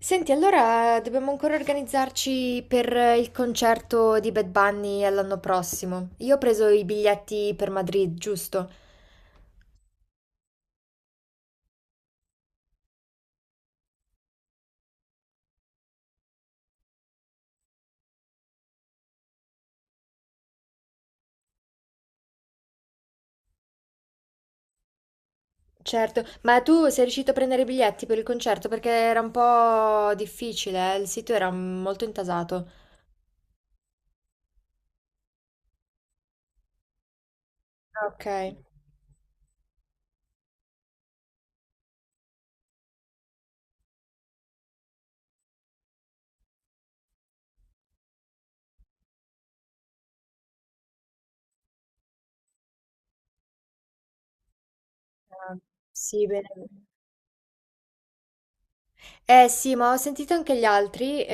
Senti, allora dobbiamo ancora organizzarci per il concerto di Bad Bunny all'anno prossimo. Io ho preso i biglietti per Madrid, giusto? Certo, ma tu sei riuscito a prendere i biglietti per il concerto? Perché era un po' difficile, eh? Il sito era molto intasato. Ok. Ah, sì, bene. Eh sì, ma ho sentito anche gli altri,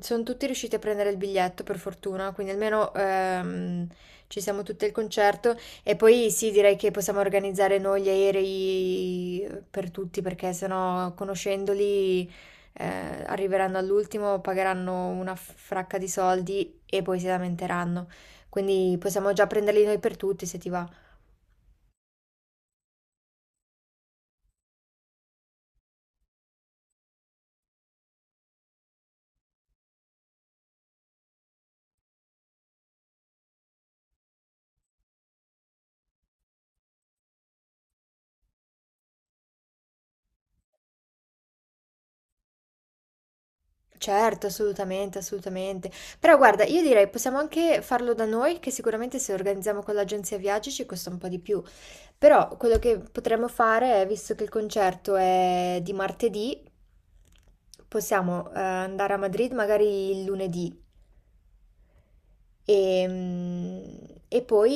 sono tutti riusciti a prendere il biglietto per fortuna, quindi almeno, ci siamo tutti al concerto e poi sì, direi che possiamo organizzare noi gli aerei per tutti perché sennò conoscendoli arriveranno all'ultimo, pagheranno una fracca di soldi e poi si lamenteranno. Quindi possiamo già prenderli noi per tutti se ti va. Certo, assolutamente, assolutamente. Però guarda, io direi possiamo anche farlo da noi, che sicuramente se organizziamo con l'agenzia viaggi ci costa un po' di più. Però quello che potremmo fare è, visto che il concerto è di martedì, possiamo andare a Madrid magari il lunedì. E, mm, e poi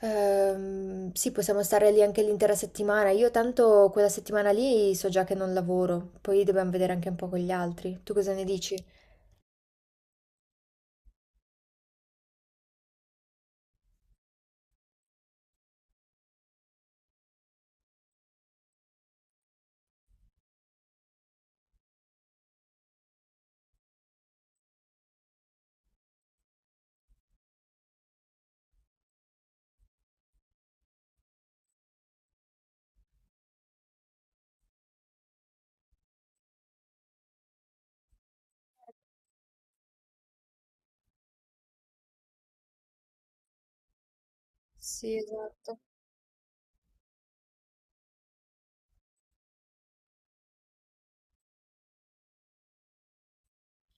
sì, possiamo stare lì anche l'intera settimana. Io tanto quella settimana lì so già che non lavoro, poi dobbiamo vedere anche un po' con gli altri. Tu cosa ne dici? Sì, esatto.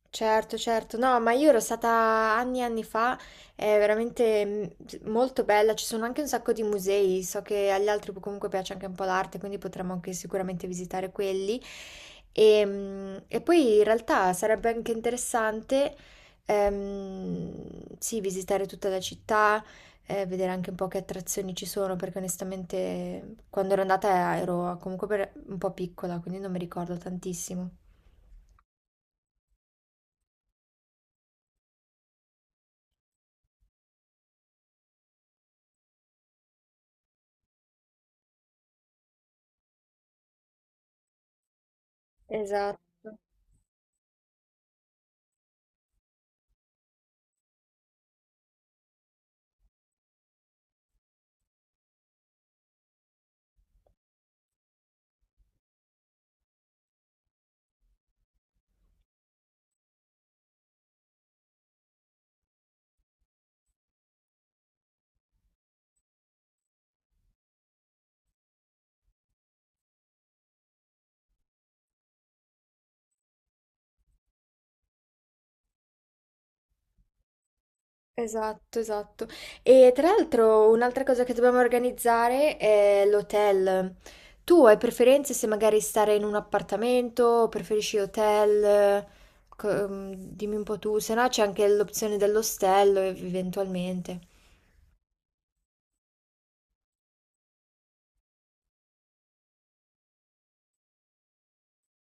Certo, certo, no, ma io ero stata anni e anni fa, è veramente molto bella, ci sono anche un sacco di musei, so che agli altri comunque piace anche un po' l'arte, quindi potremmo anche sicuramente visitare quelli. E poi in realtà sarebbe anche interessante, sì, visitare tutta la città, vedere anche un po' che attrazioni ci sono, perché onestamente quando ero andata ero comunque per- un po' piccola, quindi non mi ricordo tantissimo. Esatto. Esatto, esatto. E tra l'altro un'altra cosa che dobbiamo organizzare è l'hotel. Tu hai preferenze se magari stare in un appartamento o preferisci hotel? Dimmi un po' tu, se no c'è anche l'opzione dell'ostello eventualmente.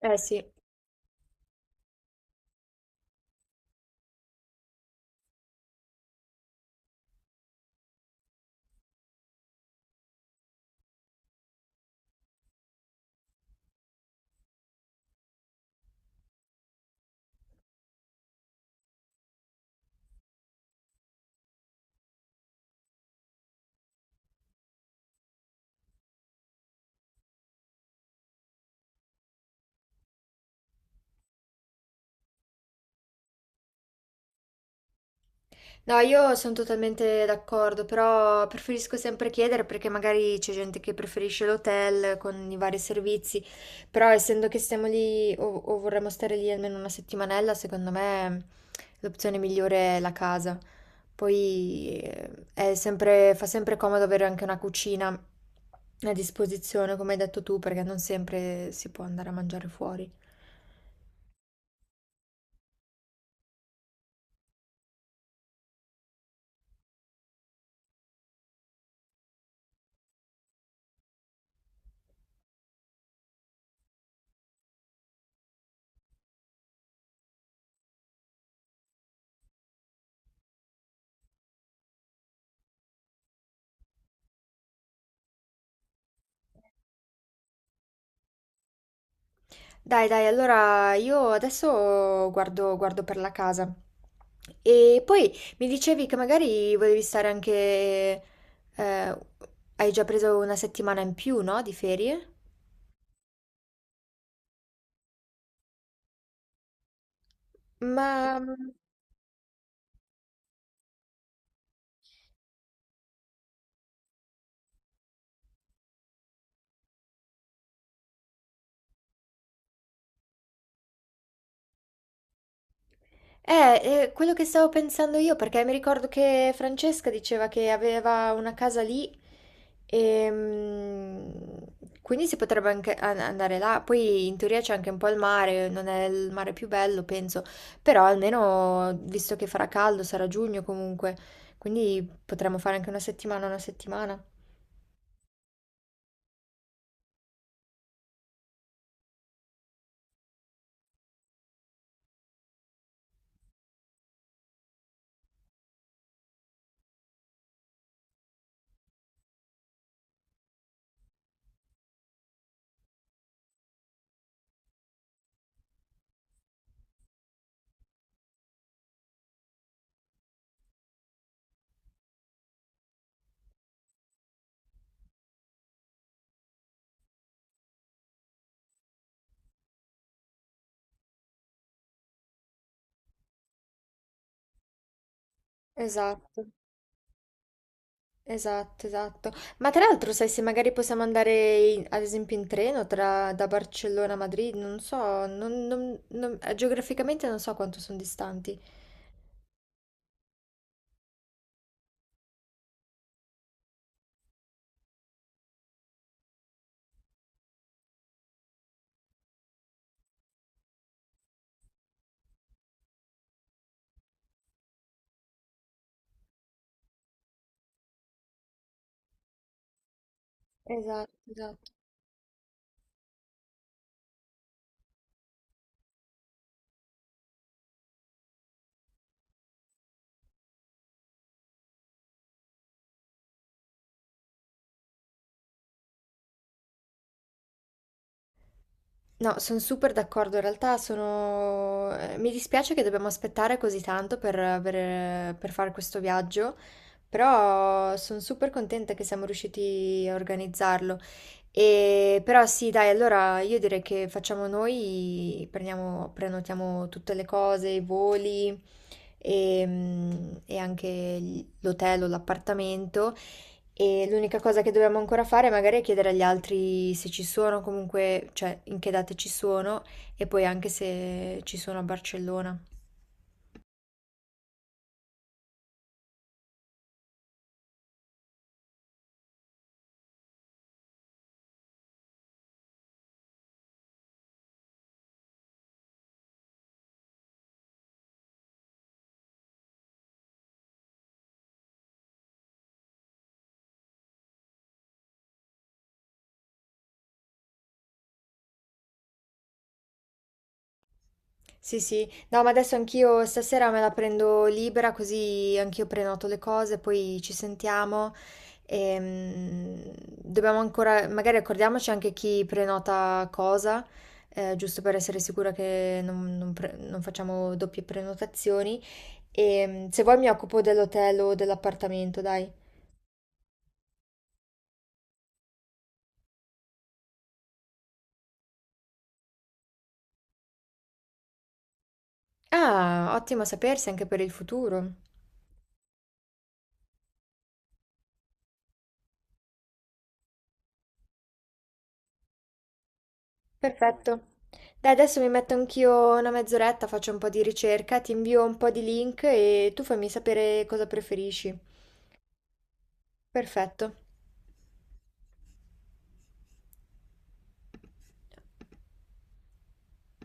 Eh sì. No, io sono totalmente d'accordo, però preferisco sempre chiedere perché magari c'è gente che preferisce l'hotel con i vari servizi, però essendo che stiamo lì o vorremmo stare lì almeno una settimanella, secondo me l'opzione migliore è la casa. Poi è sempre, fa sempre comodo avere anche una cucina a disposizione, come hai detto tu, perché non sempre si può andare a mangiare fuori. Dai, dai, allora io adesso guardo per la casa. E poi mi dicevi che magari volevi stare anche... eh, hai già preso una settimana in più, no? Di ferie? Ma... quello che stavo pensando io, perché mi ricordo che Francesca diceva che aveva una casa lì e quindi si potrebbe anche an- andare là. Poi in teoria c'è anche un po' il mare, non è il mare più bello, penso, però almeno visto che farà caldo, sarà giugno comunque, quindi potremmo fare anche una settimana, una settimana. Esatto. Esatto, esatto. Ma tra l'altro, sai se magari possiamo andare in- ad esempio in treno tra- da Barcellona a Madrid, non so, geograficamente non so quanto sono distanti. Esatto, esatto. No, sono super d'accordo. In realtà sono... mi dispiace che dobbiamo aspettare così tanto per fare questo viaggio, però sono super contenta che siamo riusciti a organizzarlo. E... Però sì, dai, allora io direi che facciamo noi, prendiamo- prenotiamo tutte le cose, i voli e anche gli- l'hotel o l'appartamento. E l'unica cosa che dobbiamo ancora fare magari è chiedere agli altri se ci sono, comunque, cioè in che date ci sono e poi anche se ci sono a Barcellona. Sì, sì, no, ma adesso anch'io stasera me la prendo libera, così anch'io prenoto le cose, poi ci sentiamo. E, mm, dobbiamo ancora, magari accordiamoci anche chi prenota cosa, giusto per essere sicura che non pre- non facciamo doppie prenotazioni. Se vuoi mi occupo dell'hotel o dell'appartamento, dai. Ah, ottimo sapersi anche per il futuro. Perfetto. Dai, adesso mi metto anch'io una mezz'oretta, faccio un po' di ricerca, ti invio un po' di link e tu fammi sapere cosa preferisci. Perfetto.